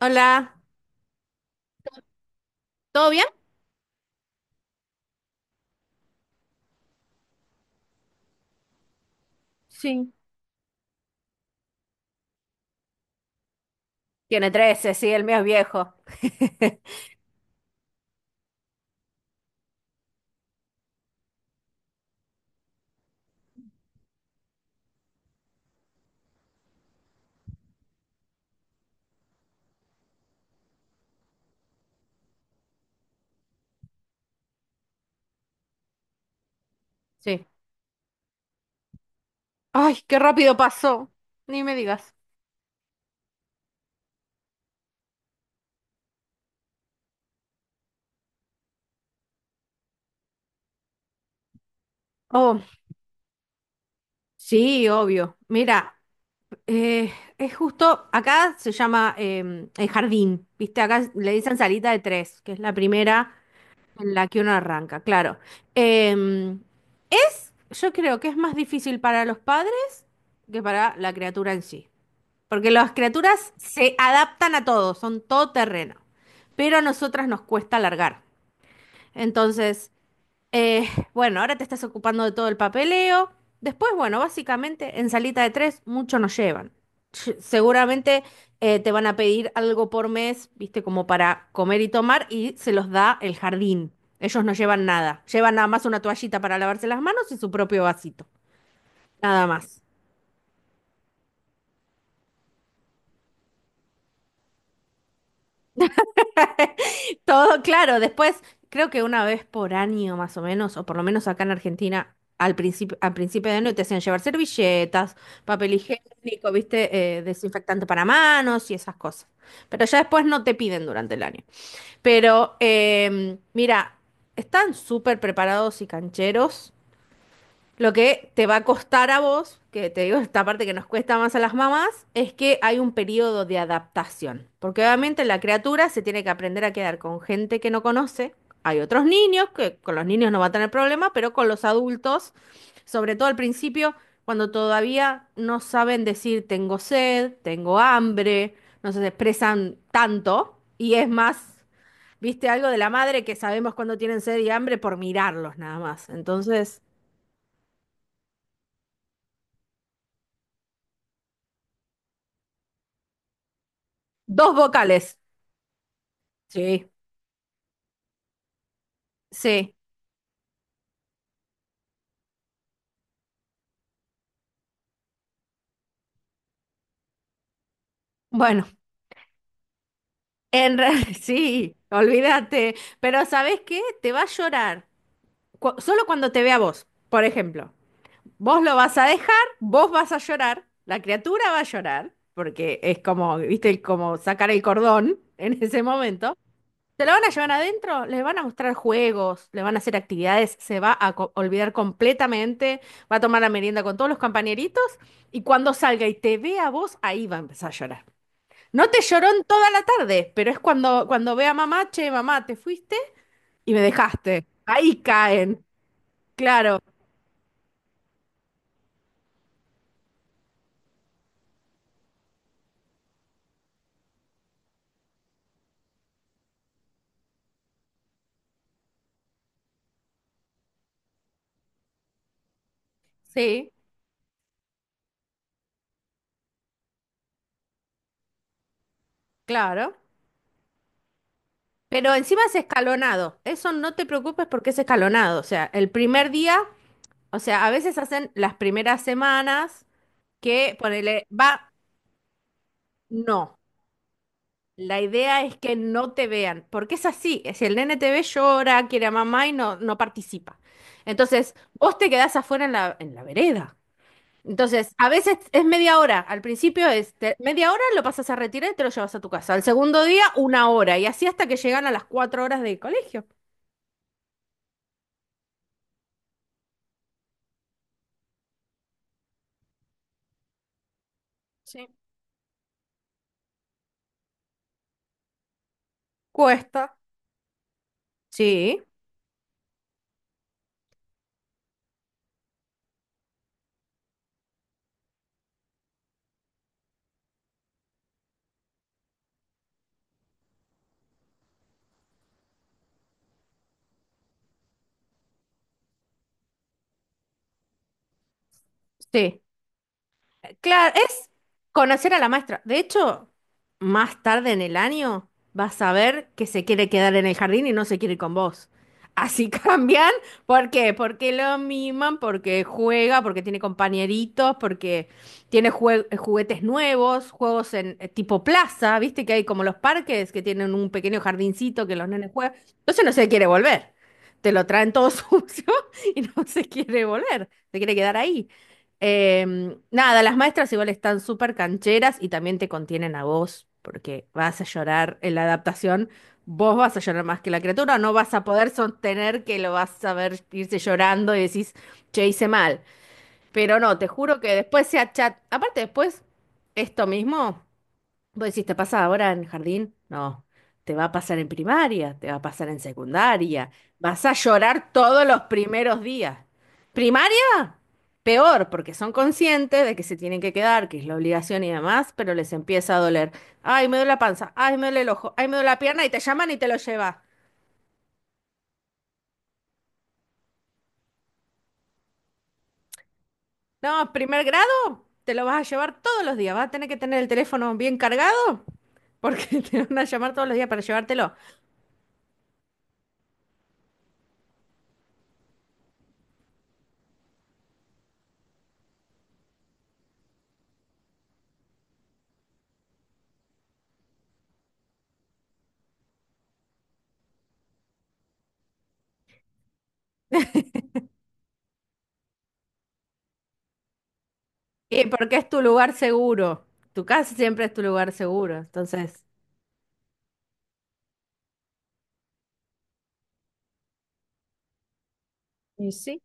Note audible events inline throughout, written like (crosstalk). Hola, ¿todo bien? Sí, Tiene 13, sí, el mío es viejo. Sí. Ay, qué rápido pasó. Ni me digas. Oh, sí, obvio. Mira, eh, es justo, acá se llama el jardín, ¿viste? Acá le dicen salita de tres, que es la primera en la que uno arranca, claro. Em, yo creo que es más difícil para los padres que para la criatura en sí. Porque las criaturas se adaptan a todo, son todoterreno, pero a nosotras nos cuesta alargar. Entonces, eh, bueno, ahora te estás ocupando de todo el papeleo. Después, bueno, básicamente en salita de tres mucho nos llevan. Seguramente te van a pedir algo por mes, viste, como para comer y tomar, y se los da el jardín. Ellos no llevan nada, llevan nada más una toallita para lavarse las manos y su propio vasito, nada más. Todo claro, después creo que una vez por año más o menos, o por lo menos acá en Argentina, al principio de año te hacían llevar servilletas, papel higiénico, viste. Desinfectante para manos y esas cosas. Pero ya después no te piden durante el año. Pero mira, están súper preparados y cancheros. Lo que te va a costar a vos, que te digo esta parte que nos cuesta más a las mamás, es que hay un periodo de adaptación. Porque obviamente la criatura se tiene que aprender a quedar con gente que no conoce. Hay otros niños que con los niños no va a tener problema, pero con los adultos, sobre todo al principio, cuando todavía no saben decir tengo sed, tengo hambre, no se expresan tanto y es más, viste, algo de la madre que sabemos cuando tienen sed y hambre por mirarlos nada más. Entonces... Dos vocales. Sí, sí. Bueno, en realidad, (laughs) sí, olvídate. Pero ¿sabes qué? Te va a llorar. Solo cuando te vea vos, por ejemplo. Vos lo vas a dejar, vos vas a llorar, la criatura va a llorar, porque es como, viste, como sacar el cordón (laughs) en ese momento. Se lo van a llevar adentro, les van a mostrar juegos, le van a hacer actividades, se va a olvidar completamente, va a tomar la merienda con todos los compañeritos y cuando salga y te vea a vos, ahí va a empezar a llorar. No te lloró en toda la tarde, pero es cuando ve a mamá, che, mamá, te fuiste y me dejaste. Ahí caen, claro, sí, claro. Pero encima es escalonado. Eso no te preocupes porque es escalonado. O sea, el primer día, o sea, a veces hacen las primeras semanas que ponele, va, no. La idea es que no te vean, porque es así. Si el nene te ve, llora, quiere a mamá y no, no participa. Entonces, vos te quedás afuera en la vereda. Entonces, a veces es media hora. Al principio es media hora, lo pasas a retirar y te lo llevas a tu casa. Al segundo día, una hora. Y así hasta que llegan a las cuatro horas de colegio. Sí. Cuesta. Sí, sí. Claro, es conocer a la maestra. De hecho, más tarde en el año vas a ver que se quiere quedar en el jardín y no se quiere ir con vos. Así (laughs) cambian. ¿Por qué? Porque lo miman, porque juega, porque tiene compañeritos, porque tiene juguetes nuevos, juegos en tipo plaza, ¿viste? Que hay como los parques que tienen un pequeño jardincito que los nenes juegan. Entonces no se quiere volver. Te lo traen todo (laughs) sucio y no se quiere volver. Se quiere quedar ahí. Nada, las maestras igual están súper cancheras y también te contienen a vos, porque vas a llorar en la adaptación, vos vas a llorar más que la criatura, no vas a poder sostener que lo vas a ver irse llorando y decís, che, hice mal. Pero no, te juro que después se achat... Aparte, después, esto mismo. Vos decís, ¿te pasa ahora en jardín? No, te va a pasar en primaria, te va a pasar en secundaria, vas a llorar todos los primeros días. Primaria, peor, porque son conscientes de que se tienen que quedar, que es la obligación y demás, pero les empieza a doler. Ay, me duele la panza, ay, me duele el ojo, ay, me duele la pierna y te llaman y te lo llevas. No, primer grado, te lo vas a llevar todos los días, vas a tener que tener el teléfono bien cargado porque (laughs) te van a llamar todos los días para llevártelo. Y porque es tu lugar seguro. Tu casa siempre es tu lugar seguro. Entonces. Y sí.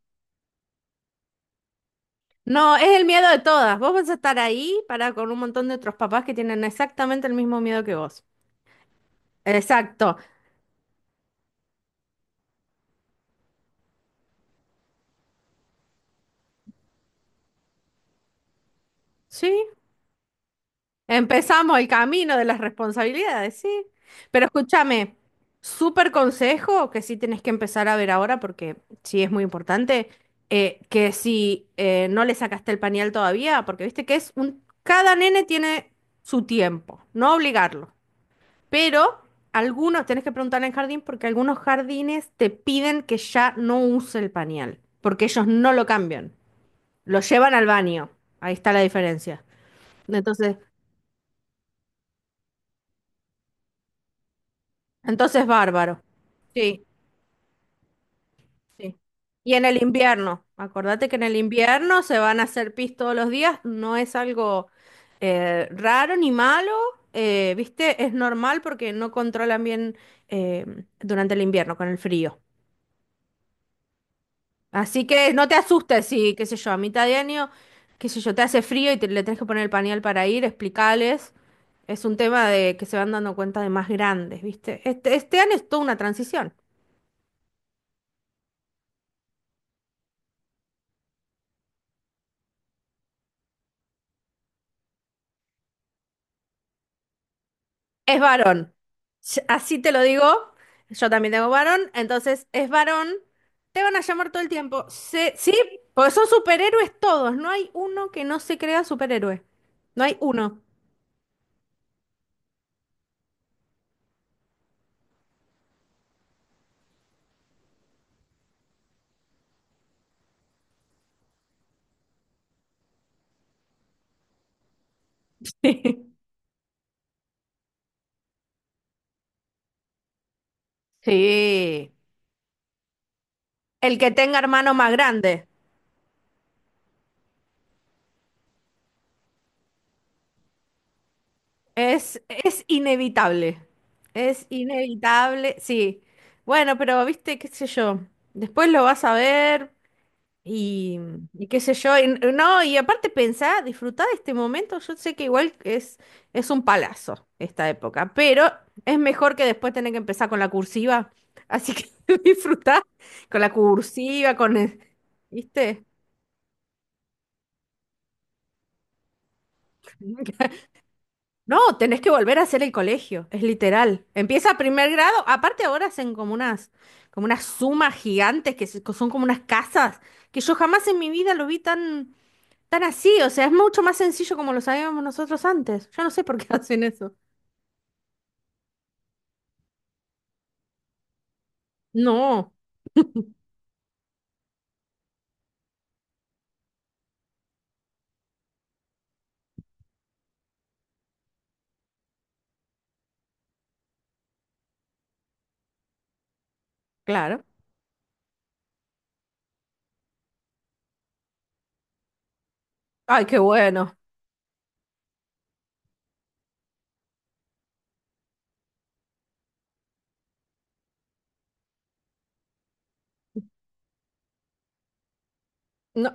No, es el miedo de todas. Vos vas a estar ahí para con un montón de otros papás que tienen exactamente el mismo miedo que vos. Exacto. Sí. Empezamos el camino de las responsabilidades, sí. Pero escúchame, súper consejo que sí tenés que empezar a ver ahora porque sí es muy importante. Que si no le sacaste el pañal todavía, porque viste que es un. Cada nene tiene su tiempo, no obligarlo. Pero algunos, tenés que preguntar en jardín porque algunos jardines te piden que ya no use el pañal, porque ellos no lo cambian, lo llevan al baño. Ahí está la diferencia. Entonces, entonces bárbaro. Sí, sí. Y en el invierno, acordate que en el invierno se van a hacer pis todos los días, no es algo raro ni malo, ¿viste? Es normal porque no controlan bien eh, durante el invierno con el frío. Así que no te asustes si, qué sé yo, a mitad de año, qué sé yo, te hace frío y te, le tenés que poner el pañal para ir, explicales. Es un tema de que se van dando cuenta de más grandes, ¿viste? Este año es toda una transición. Es varón. Así te lo digo. Yo también tengo varón, entonces es varón. Te van a llamar todo el tiempo. Sí, porque son superhéroes todos. No hay uno que no se crea superhéroe. No hay uno. (laughs) Sí. El que tenga hermano más grande. Es inevitable. Es inevitable, sí. Bueno, pero viste, qué sé yo. Después lo vas a ver y, y qué sé yo. No, y aparte pensá, disfrutá de este momento. Yo sé que es un palazo esta época, pero es mejor que después tener que empezar con la cursiva. Así que (laughs) disfrutá con la cursiva, ¿viste? (laughs) No, tenés que volver a hacer el colegio, es literal. Empieza primer grado, aparte ahora hacen como unas sumas gigantes que son como unas casas, que yo jamás en mi vida lo vi tan, tan así, o sea, es mucho más sencillo como lo sabíamos nosotros antes. Yo no sé por qué (laughs) hacen eso. No, claro. Ay, qué bueno. No,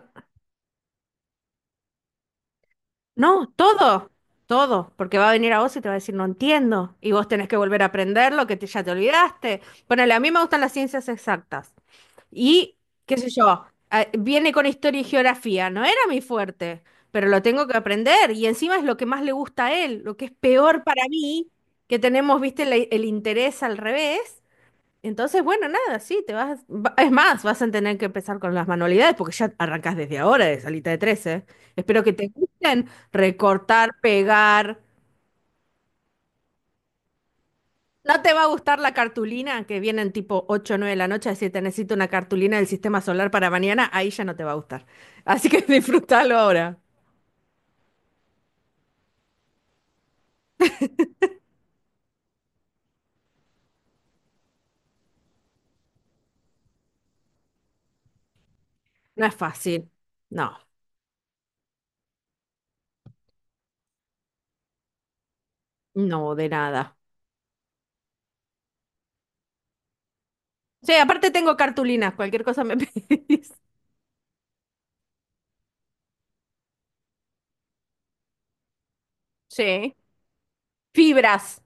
no, todo, porque va a venir a vos y te va a decir, no entiendo, y vos tenés que volver a aprender lo que ya te olvidaste. Ponele, a mí me gustan las ciencias exactas. Y, qué sé yo, viene con historia y geografía, no era mi fuerte, pero lo tengo que aprender y encima es lo que más le gusta a él, lo que es peor para mí, que tenemos, viste, el, interés al revés. Entonces, bueno, nada, sí, te vas, es más, vas a tener que empezar con las manualidades porque ya arrancas desde ahora de salita de trece. Espero que te gusten recortar, pegar. No te va a gustar la cartulina que vienen tipo ocho o 9 de la noche, decir, te necesito una cartulina del sistema solar para mañana, ahí ya no te va a gustar. Así que (laughs) disfrútalo ahora. No es fácil. No, no, de nada. Sí, aparte tengo cartulinas, cualquier cosa me (laughs) pedís. Sí. Fibras.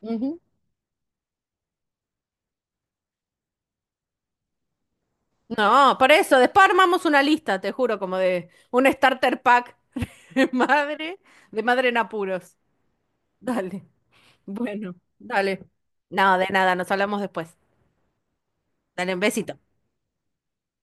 Ujú. No, por eso, después armamos una lista, te juro, como de un starter pack (laughs) de madre, de madre en apuros. Dale. Bueno, dale. No, de nada, nos hablamos después. Dale un besito.